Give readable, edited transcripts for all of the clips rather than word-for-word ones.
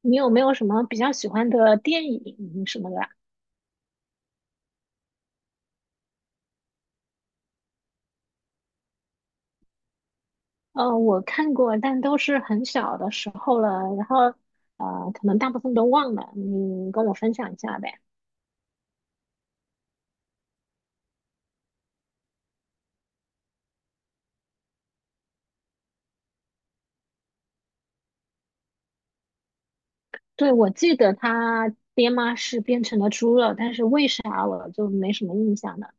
你有没有什么比较喜欢的电影什么的啊？我看过，但都是很小的时候了，然后可能大部分都忘了。你跟我分享一下呗。对，我记得他爹妈是变成了猪了，但是为啥我就没什么印象了？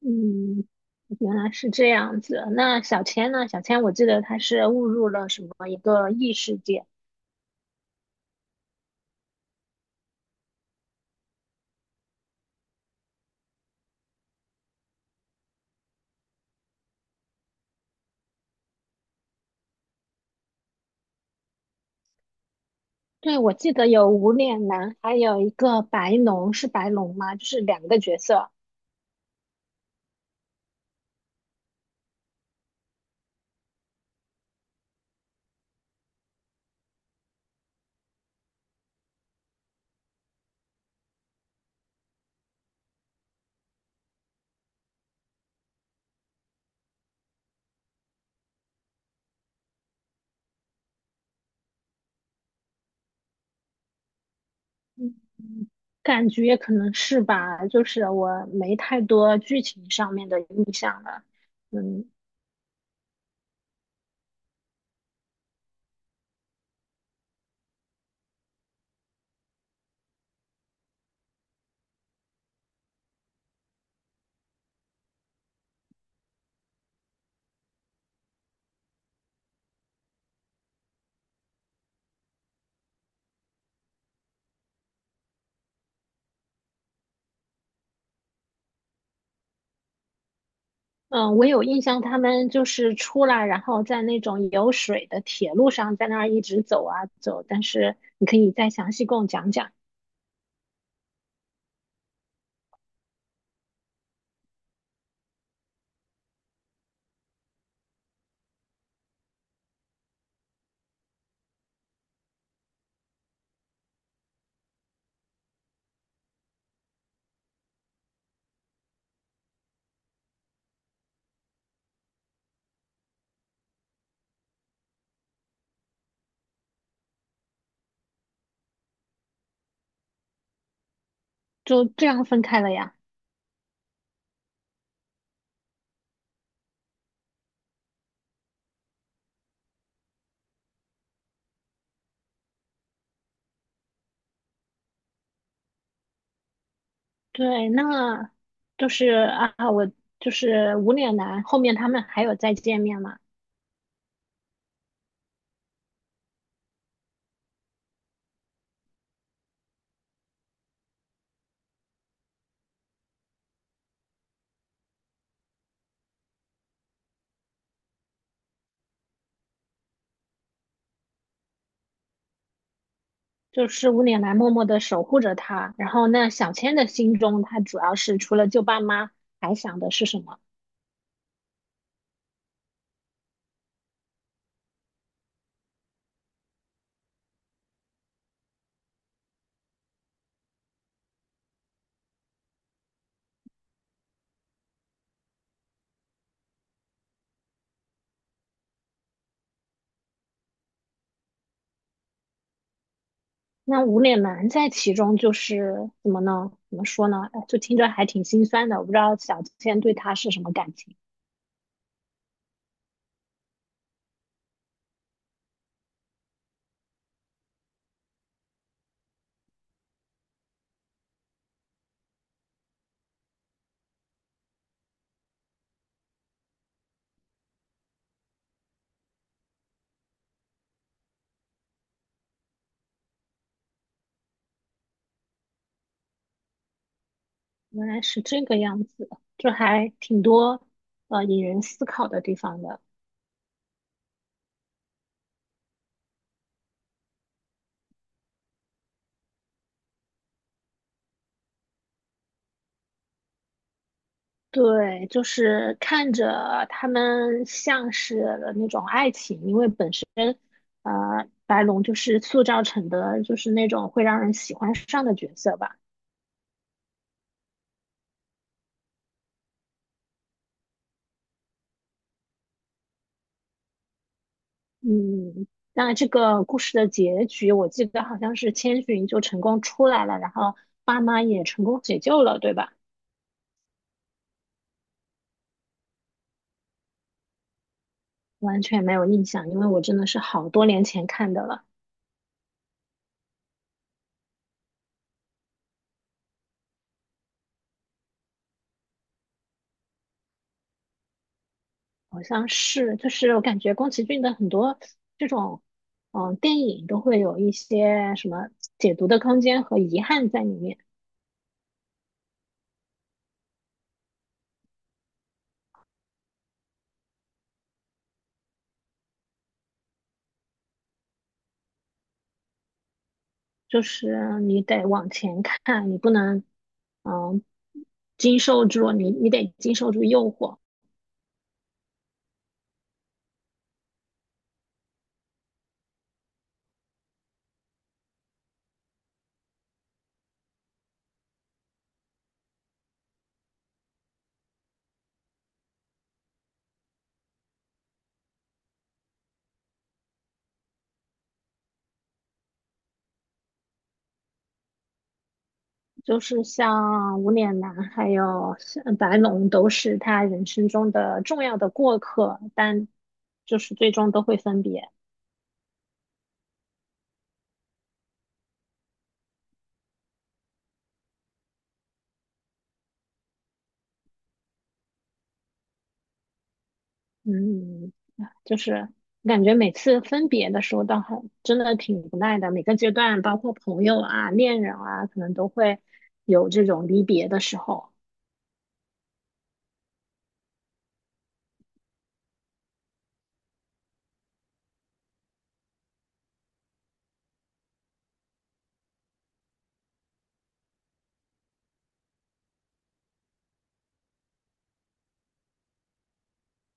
嗯，原来是这样子。那小千呢？小千，我记得他是误入了什么一个异世界。对，我记得有无脸男，还有一个白龙，是白龙吗？就是两个角色。嗯。感觉可能是吧，就是我没太多剧情上面的印象了。嗯。嗯，我有印象，他们就是出来，然后在那种有水的铁路上，在那儿一直走啊走。但是你可以再详细跟我讲讲。就这样分开了呀。对，那就是啊，我就是无脸男，后面他们还有再见面嘛？就是无脸男默默的守护着他，然后那小千的心中，他主要是除了救爸妈，还想的是什么？那无脸男在其中就是怎么呢？怎么说呢？哎，就听着还挺心酸的。我不知道小倩对他是什么感情。原来是这个样子，就还挺多引人思考的地方的。对，就是看着他们像是那种爱情，因为本身白龙就是塑造成的就是那种会让人喜欢上的角色吧。嗯，那这个故事的结局，我记得好像是千寻就成功出来了，然后爸妈也成功解救了，对吧？完全没有印象，因为我真的是好多年前看的了。好像是，就是我感觉宫崎骏的很多这种，嗯，电影都会有一些什么解读的空间和遗憾在里面。就是你得往前看，你不能，嗯，经受住，你得经受住诱惑。就是像无脸男还有像白龙都是他人生中的重要的过客，但就是最终都会分别。嗯，就是感觉每次分别的时候倒还真的挺无奈的，每个阶段，包括朋友啊、恋人啊，可能都会有这种离别的时候。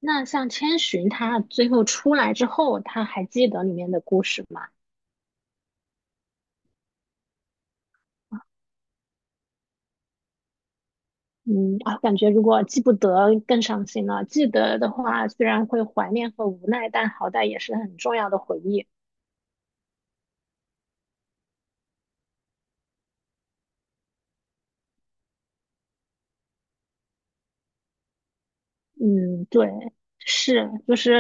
那像千寻，他最后出来之后，他还记得里面的故事吗？嗯啊，感觉如果记不得更伤心了。记得的话，虽然会怀念和无奈，但好歹也是很重要的回忆。嗯，对，是，就是，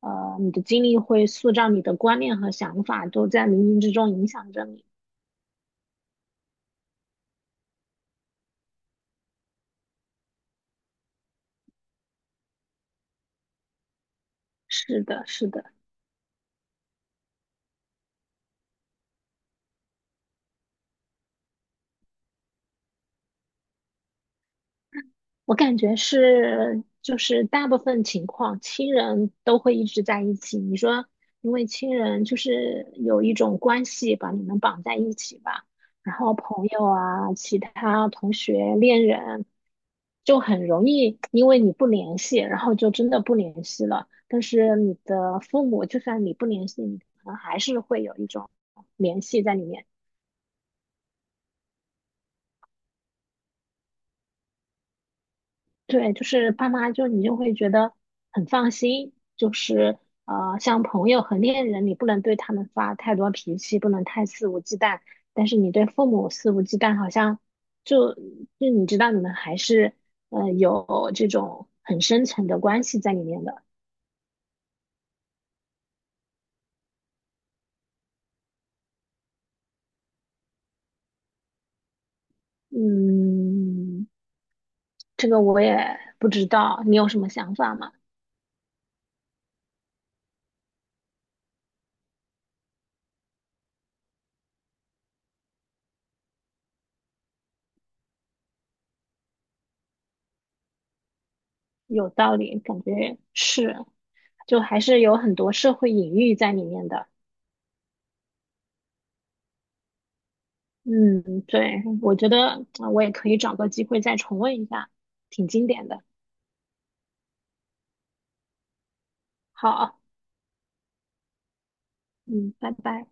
你的经历会塑造你的观念和想法，都在冥冥之中影响着你。是的，是的。我感觉是，就是大部分情况，亲人都会一直在一起。你说，因为亲人就是有一种关系把你们绑在一起吧，然后朋友啊、其他同学、恋人就很容易因为你不联系，然后就真的不联系了。但是你的父母，就算你不联系，你可能还是会有一种联系在里面。对，就是爸妈就你就会觉得很放心，就是像朋友和恋人，你不能对他们发太多脾气，不能太肆无忌惮，但是你对父母肆无忌惮，好像就你知道你们还是有这种很深层的关系在里面的。嗯，这个我也不知道，你有什么想法吗？有道理，感觉是，就还是有很多社会隐喻在里面的。嗯，对，我觉得我也可以找个机会再重温一下，挺经典的。好，嗯，拜拜。